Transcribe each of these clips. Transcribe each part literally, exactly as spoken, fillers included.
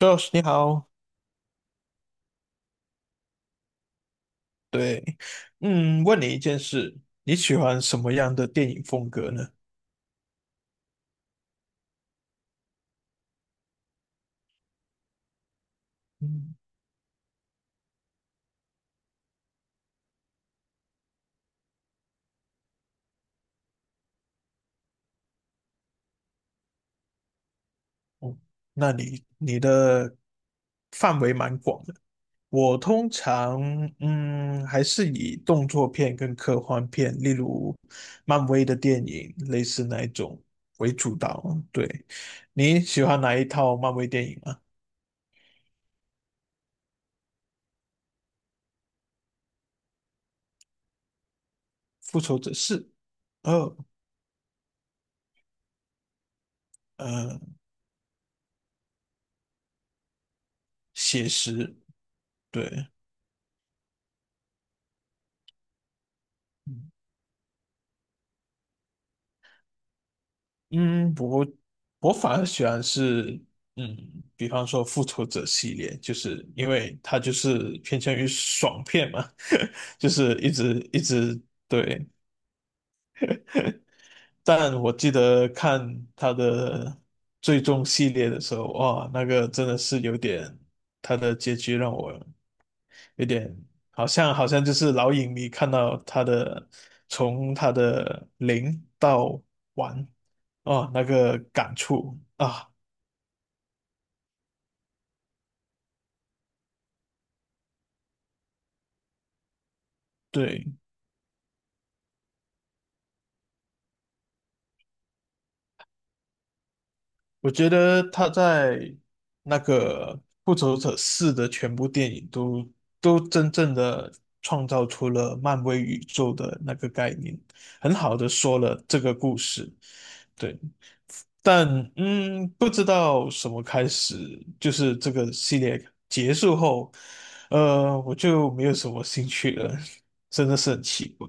Josh，你好，对，嗯，问你一件事，你喜欢什么样的电影风格呢？嗯，那你你的范围蛮广的。我通常嗯还是以动作片跟科幻片，例如漫威的电影，类似那一种为主导。对，你喜欢哪一套漫威电影啊？复仇者四，二，呃，写实，对。嗯嗯，我我反而喜欢是，嗯，比方说《复仇者》系列，就是因为它就是偏向于爽片嘛，就是一直一直，对。但我记得看它的最终系列的时候，哇，那个真的是有点，它的结局让我有点好像好像就是老影迷看到他的从他的零到完，哦，那个感触啊。对，我觉得他在那个《复仇者四》的全部电影都都真正的创造出了漫威宇宙的那个概念，很好的说了这个故事。对，但嗯，不知道什么开始，就是这个系列结束后，呃，我就没有什么兴趣了，真的是很奇怪。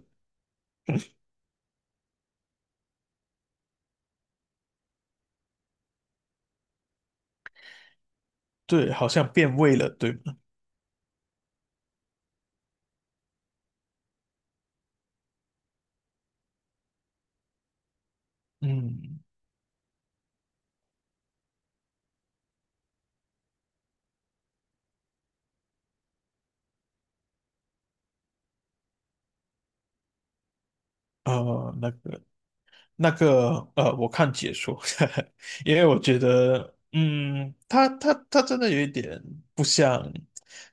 对，好像变味了，对吗？嗯，呃，那个。那个呃，我看解说，因为我觉得，嗯，它它它真的有一点不像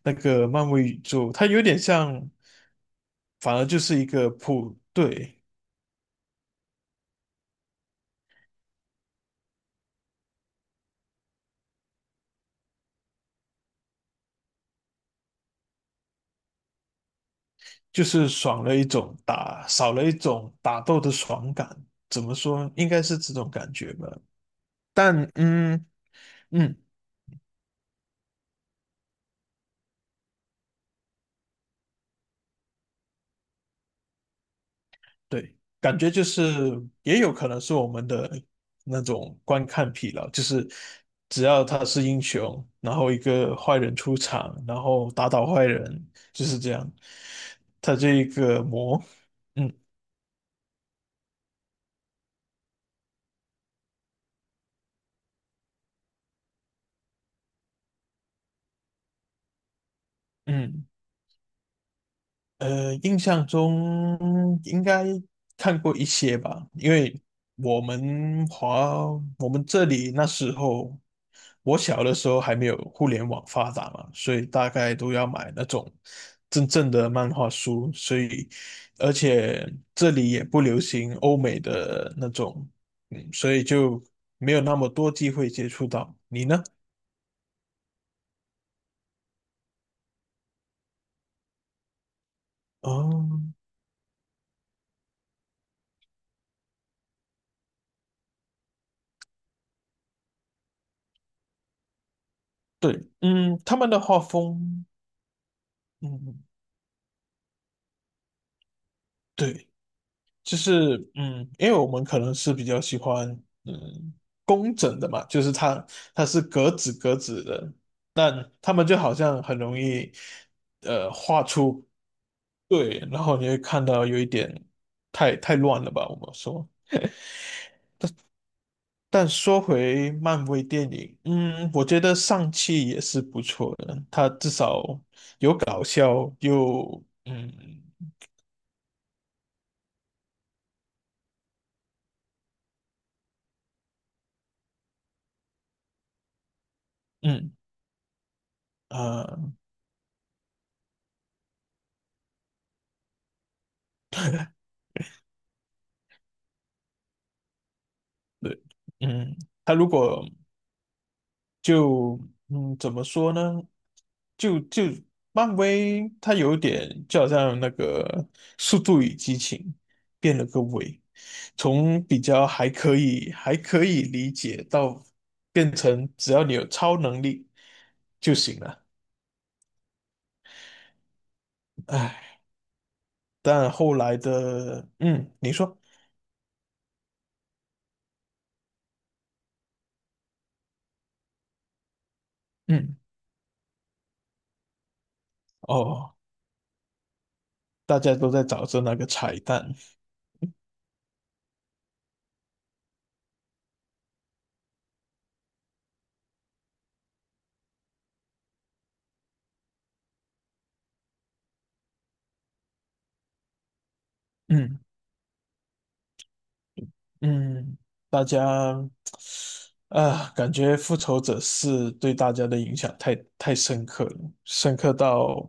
那个漫威宇宙，它有点像，反而就是一个普，对，就是爽了一种打，少了一种打斗的爽感。怎么说？应该是这种感觉吧。但嗯嗯。对，感觉就是也有可能是我们的那种观看疲劳，就是只要他是英雄，然后一个坏人出场，然后打倒坏人，就是这样，他这一个魔，嗯嗯。呃，印象中应该看过一些吧，因为我们华我们这里那时候，我小的时候还没有互联网发达嘛，所以大概都要买那种真正的漫画书，所以而且这里也不流行欧美的那种，嗯，所以就没有那么多机会接触到。你呢？哦，对，嗯，他们的画风，嗯。对，就是嗯，因为我们可能是比较喜欢嗯工整的嘛，就是它它是格子格子的，但他们就好像很容易呃画出，对，然后你会看到有一点太太乱了吧，我们说。但说回漫威电影，嗯，我觉得上汽也是不错的，它至少搞笑又嗯嗯啊，对嗯，它如果就嗯，怎么说呢？就就漫威，它有点就好像那个《速度与激情》变了个味，从比较还可以还可以理解到变成只要你有超能力就行了。唉，但后来的嗯，你说嗯哦，大家都在找着那个彩蛋，嗯嗯，大家。啊，感觉《复仇者四》对大家的影响太太深刻了，深刻到，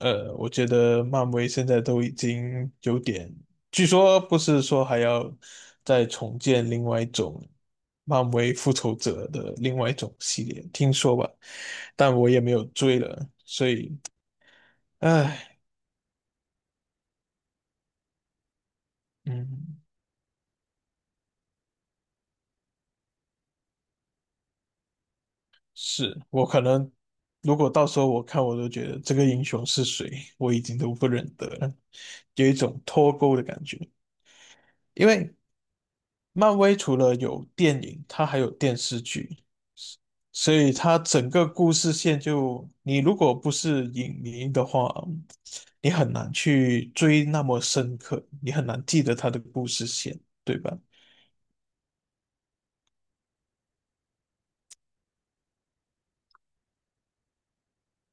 呃，我觉得漫威现在都已经有点，据说不是说还要再重建另外一种漫威复仇者的另外一种系列，听说吧，但我也没有追了，所以，唉，嗯。是我可能，如果到时候我看，我都觉得这个英雄是谁，我已经都不认得了，有一种脱钩的感觉。因为漫威除了有电影，它还有电视剧，所以它整个故事线就，你如果不是影迷的话，你很难去追那么深刻，你很难记得它的故事线，对吧？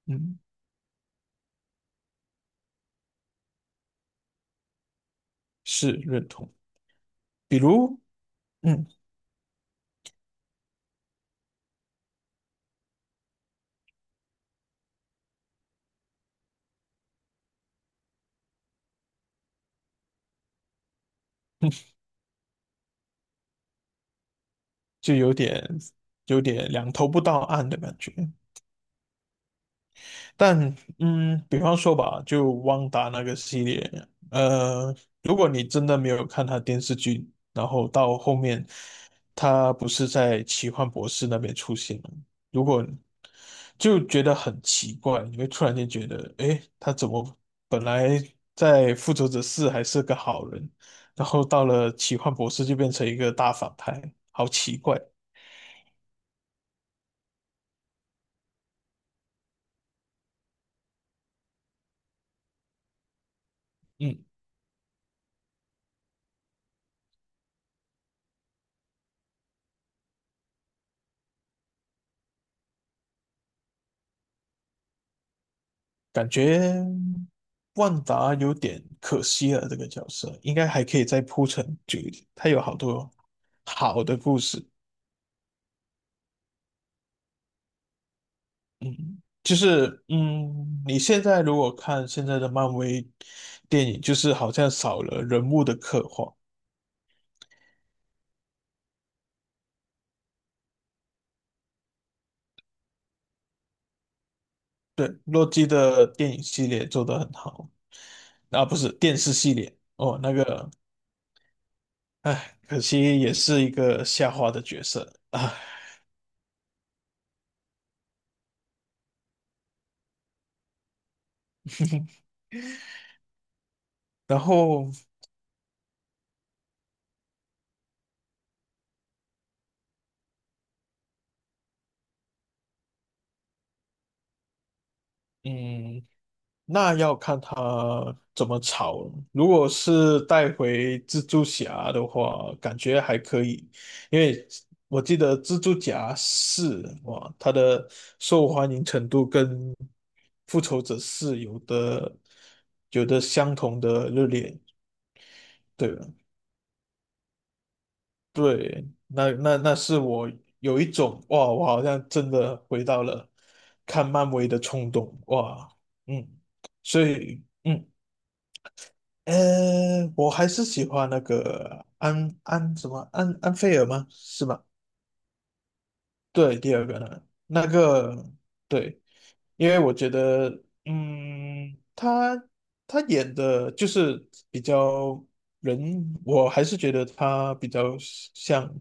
嗯，是认同。比如，嗯，就有点有点两头不到岸的感觉。但嗯，比方说吧，就旺达那个系列，呃，如果你真的没有看他电视剧，然后到后面他不是在奇幻博士那边出现了，如果就觉得很奇怪，你会突然间觉得，诶，他怎么本来在复仇者四还是个好人，然后到了奇幻博士就变成一个大反派，好奇怪。嗯。感觉万达有点可惜了，这个角色应该还可以再铺陈久一点。他有好多好的故事，嗯，就是嗯，你现在如果看现在的漫威电影，就是好像少了人物的刻画。对，洛基的电影系列做得很好，啊，不是电视系列哦，那个，唉，可惜也是一个下滑的角色啊。唉然后，嗯，那要看他怎么炒了。如果是带回蜘蛛侠的话，感觉还可以，因为我记得蜘蛛侠四哇，它的受欢迎程度跟复仇者四有的有的相同的热烈，对吧？对，那那那是我有一种哇，我好像真的回到了看漫威的冲动哇，嗯，所以。嗯。呃，我还是喜欢那个安安什么安安菲尔吗？是吗？对，第二个呢，那个对，因为我觉得，嗯，他他演的就是比较人，我还是觉得他比较像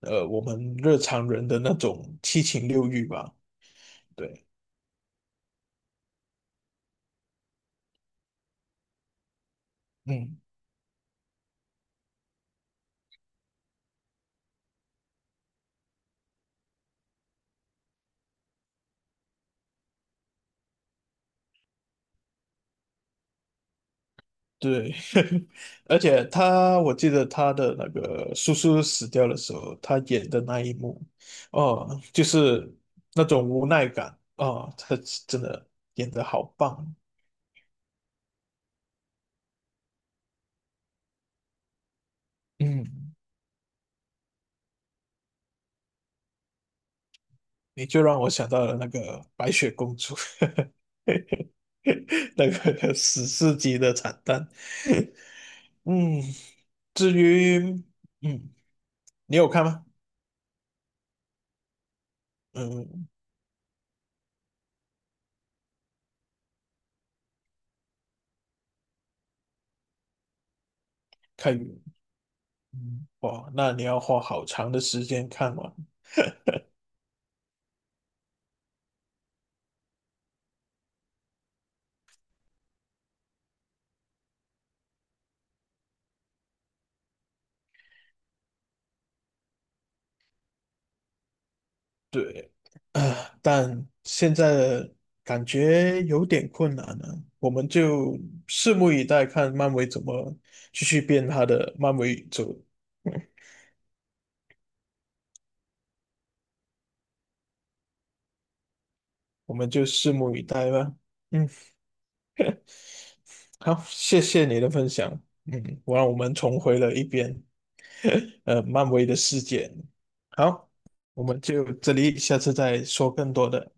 呃我们日常人的那种七情六欲吧。对，嗯。对，而且他，我记得他的那个叔叔死掉的时候，他演的那一幕，哦，就是那种无奈感，哦，他真的演得好棒，嗯，你就让我想到了那个白雪公主，那个史诗级的惨淡，嗯，至于，嗯，你有看吗？嗯，看，嗯，哇，那你要花好长的时间看完。对，啊，但现在的感觉有点困难了，我们就拭目以待，看漫威怎么继续变他的漫威宇宙。嗯我们就拭目以待吧。嗯，好，谢谢你的分享。嗯，我让我们重回了一遍呃漫威的世界。好，我们就这里，下次再说更多的。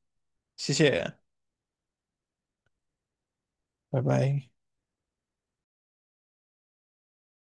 谢谢，拜拜。